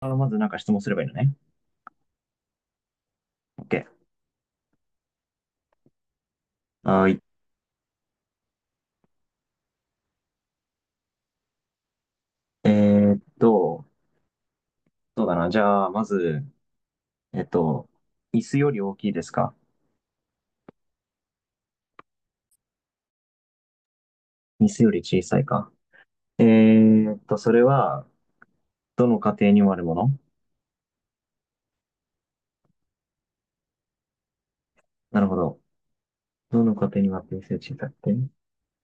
あ、まずなんか質問すればいいのね。OK。はーい。えーっと、そうだな。じゃあ、まず、えっと、椅子より大きいですか？椅子より小さいか。それは、どの家庭にもあるもの？なるほど。どの家庭にもあって椅子より小さくて。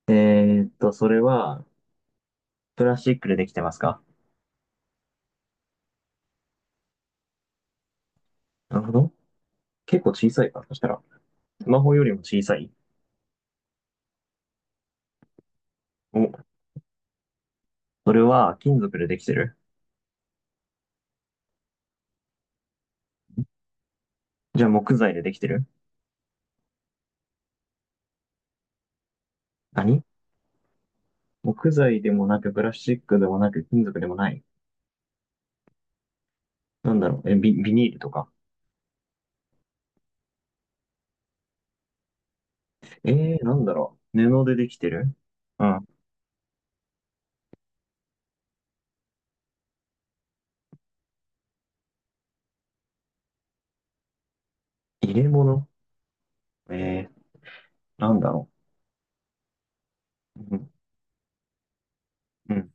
えそれは、プラスチックでできてますか？なるほど。結構小さいか。そしたら、スマホよりも小さい。お、それは金属でできてる？じゃあ木材でできてる？何？木材でもなく、プラスチックでもなく、金属でもない。なんだろう、ビニールとか。えなんだろう、布でできてる？うん。入れ物？えー、なんだろう。うん。うん。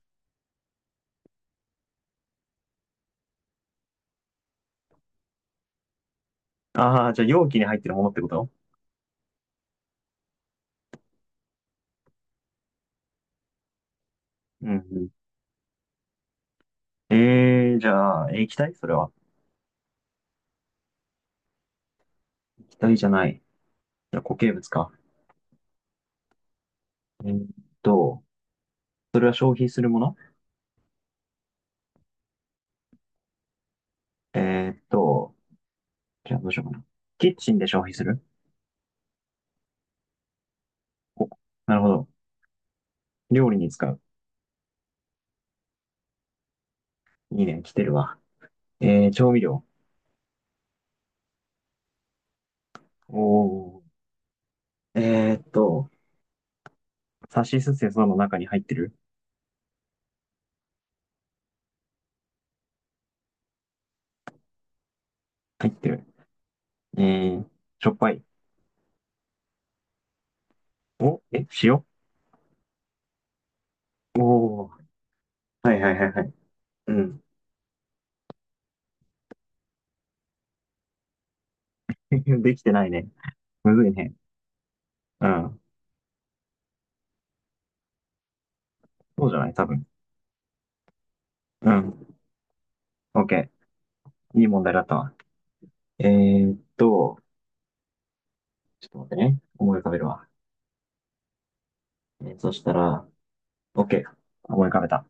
ああ、じゃあ容器に入ってるものってこと？うんうん。じゃあ、液体それは？液体じゃない。じゃあ固形物か。えーっと、それは消費するもの？えーっと、じゃあどうしようかな。キッチンで消費する？なるほど。料理に使う。いいね、来てるわ。調味料？おー。えーっと、さしすせその中に入ってる？入ってる。えー、しょっぱい？お、塩、お。おー、はいはいはいはい。うん。できてないね。むずいね。うん。そうじゃない多分。うん。オッケー。いい問題だったわ。えーっと、ちょっと待ってね。思い浮かべるわ。そしたら、オッケー。思い浮かべた。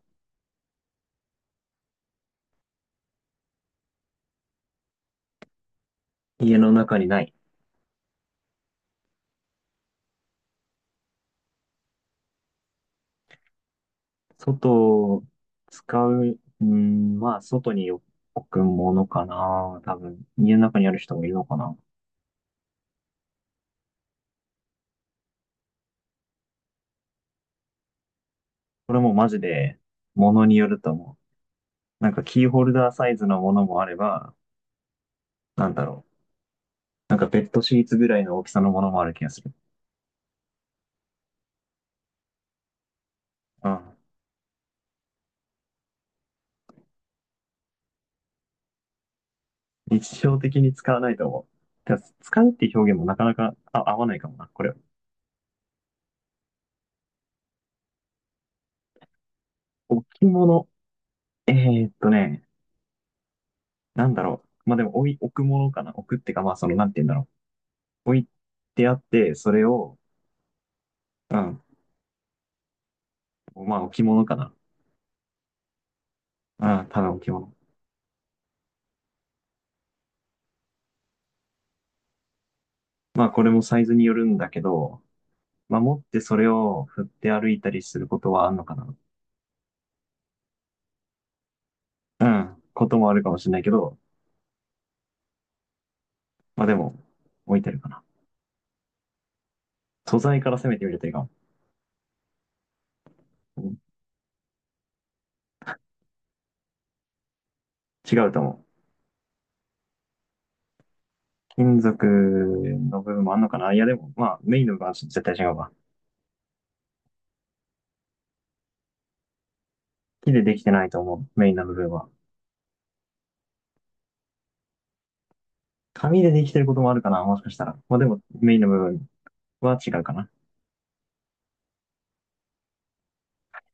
家の中にない。外を使う、うん、まあ、外に置くものかな。多分、家の中にある人もいるのかな。これもマジで、ものによると思う。なんかキーホルダーサイズのものもあれば、なんだろう。なんかベッドシーツぐらいの大きさのものもある気がする。うん。日常的に使わないと思う。だから使うっていう表現もなかなか合わないかもな。これ、置物？えーっとね、なんだろう。まあ、でも置くものかな。置くってか、まあ、なんて言うんだろう。置いてあって、それを、うん。まあ、置物かな。うん、ただ置物。まあ、これもサイズによるんだけど、まあ、持ってそれを振って歩いたりすることはあんのかな。うん、こともあるかもしれないけど、まあでも、置いてるかな。素材から攻めてみるといいかも。うん、違うと思う。金属の部分もあんのかな。いやでも、まあ、メインの部分は絶対違うわ。木でできてないと思う、メインの部分は。紙でできてることもあるかな、もしかしたら。まあでも、メインの部分は違うかな。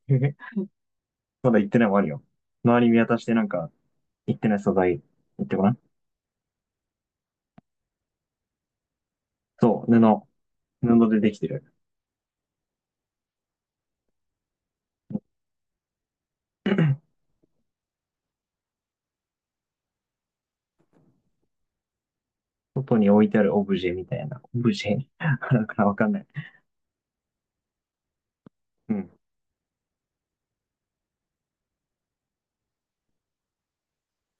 まだ言ってないもあるよ。周り見渡してなんか、言ってない素材、言ってごらん。そう、布。布でできてる。外に置いてあるオブジェみたいな。オブジェ なんかわかんない。うん。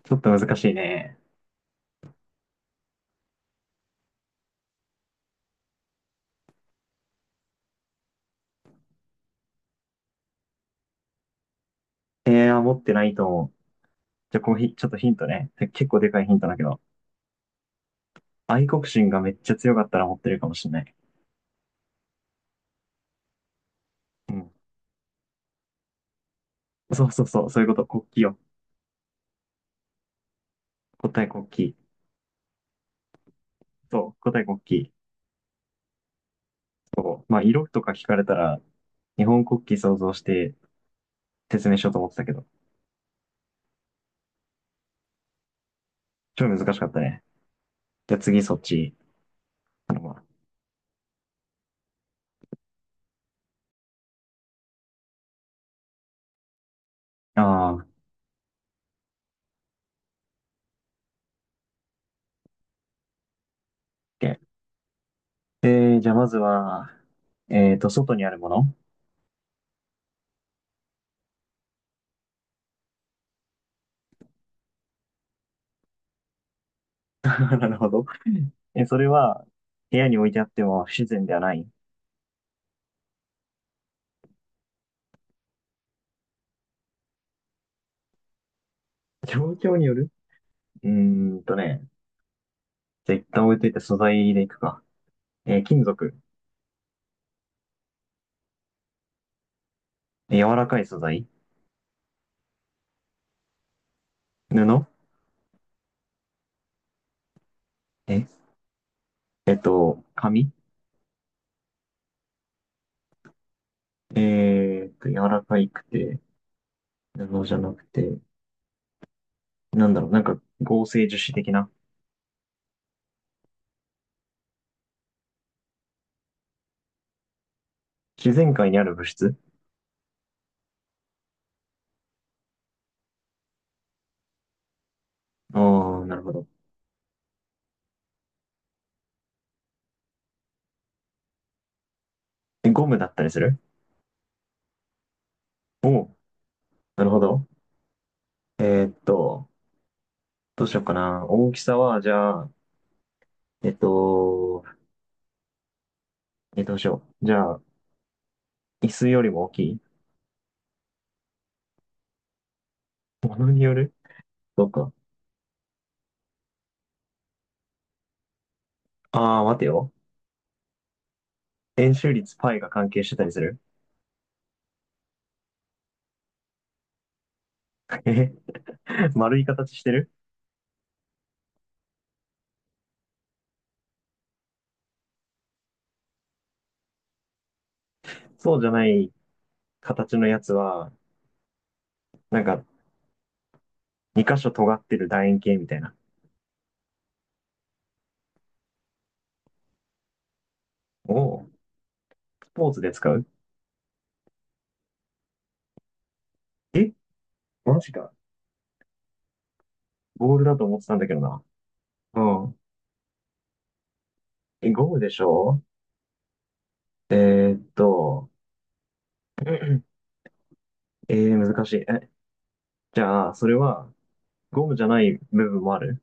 ちょっと難しいね。持ってないと思う。じゃあ、こうひ、ちょっとヒントね。て結構でかいヒントだけど。愛国心がめっちゃ強かったら持ってるかもしれない。うん。そうそうそう、そういうこと。国旗よ。答え国旗。そう、答え国旗。そう。まあ、色とか聞かれたら、日本国旗想像して説明しようと思ってたけど。超難しかったね。じゃあ次そっち。あの、まああ、OK。じゃあまずは、外にあるもの？ なるほど。それは、部屋に置いてあっても不自然ではない？状況による？うーんとね。じゃあ一旦置いといて素材でいくか。金属？柔らかい素材？布？え、紙？柔らかいくて、布じゃなくて、なんだろう、なんか合成樹脂的な？自然界にある物質？ああ、なるほど。ゴムだったりする？おう、なるほど。えーっと、どうしようかな。大きさは、じゃあ、えっと、どうしよう。じゃあ、椅子よりも大きい？ものによる？そうか。ああ、待てよ。円周率 π が関係してたりする？ 丸い形してる？そうじゃない形のやつは、なんか2箇所尖ってる楕円形みたいな。をスポーツで使う？え、マジか。ボールだと思ってたんだけどな。うん。え、ゴムでしょ？えーっと、難しい。じゃあ、それはゴムじゃない部分もある？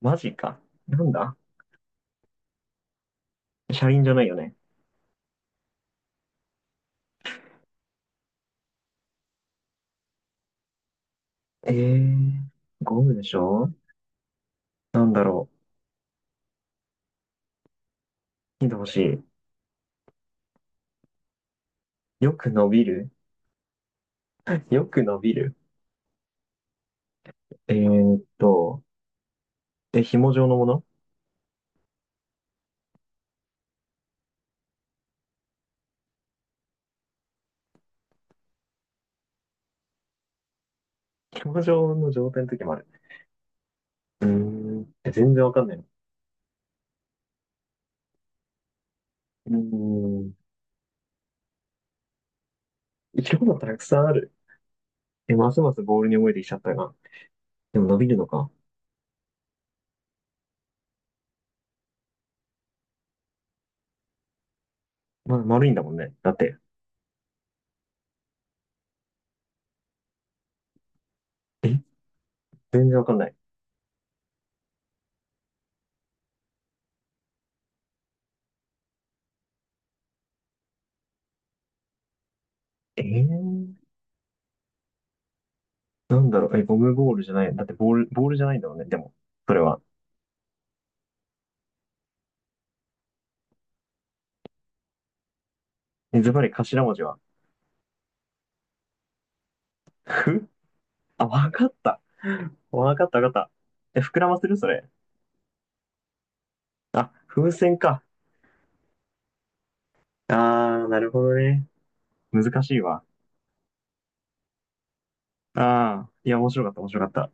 マジか。なんだ？車輪じゃないよね？えー、ゴムでしょ？なんだろう。ヒント欲しい。よく伸びる？よく伸びる。えーっと、紐状のもの？紐状の状態の時もある。うーん。え、全然わかんないな。うーん。色がたくさんある。え、ますますボールに覚えてきちゃったが。でも伸びるのか。まあ、丸いんだもんね。だって。え、全然わかんない。えー、なんだろう。え、ゴムボールじゃない？だって、ボールじゃないんだもんね。でも、それは。え、ズバリ頭文字は？ふあ、わかった。わかったわかった。え、膨らませるそれ？あ、風船か。あー、なるほどね。難しいわ。ああ、いや、面白かった、面白かった。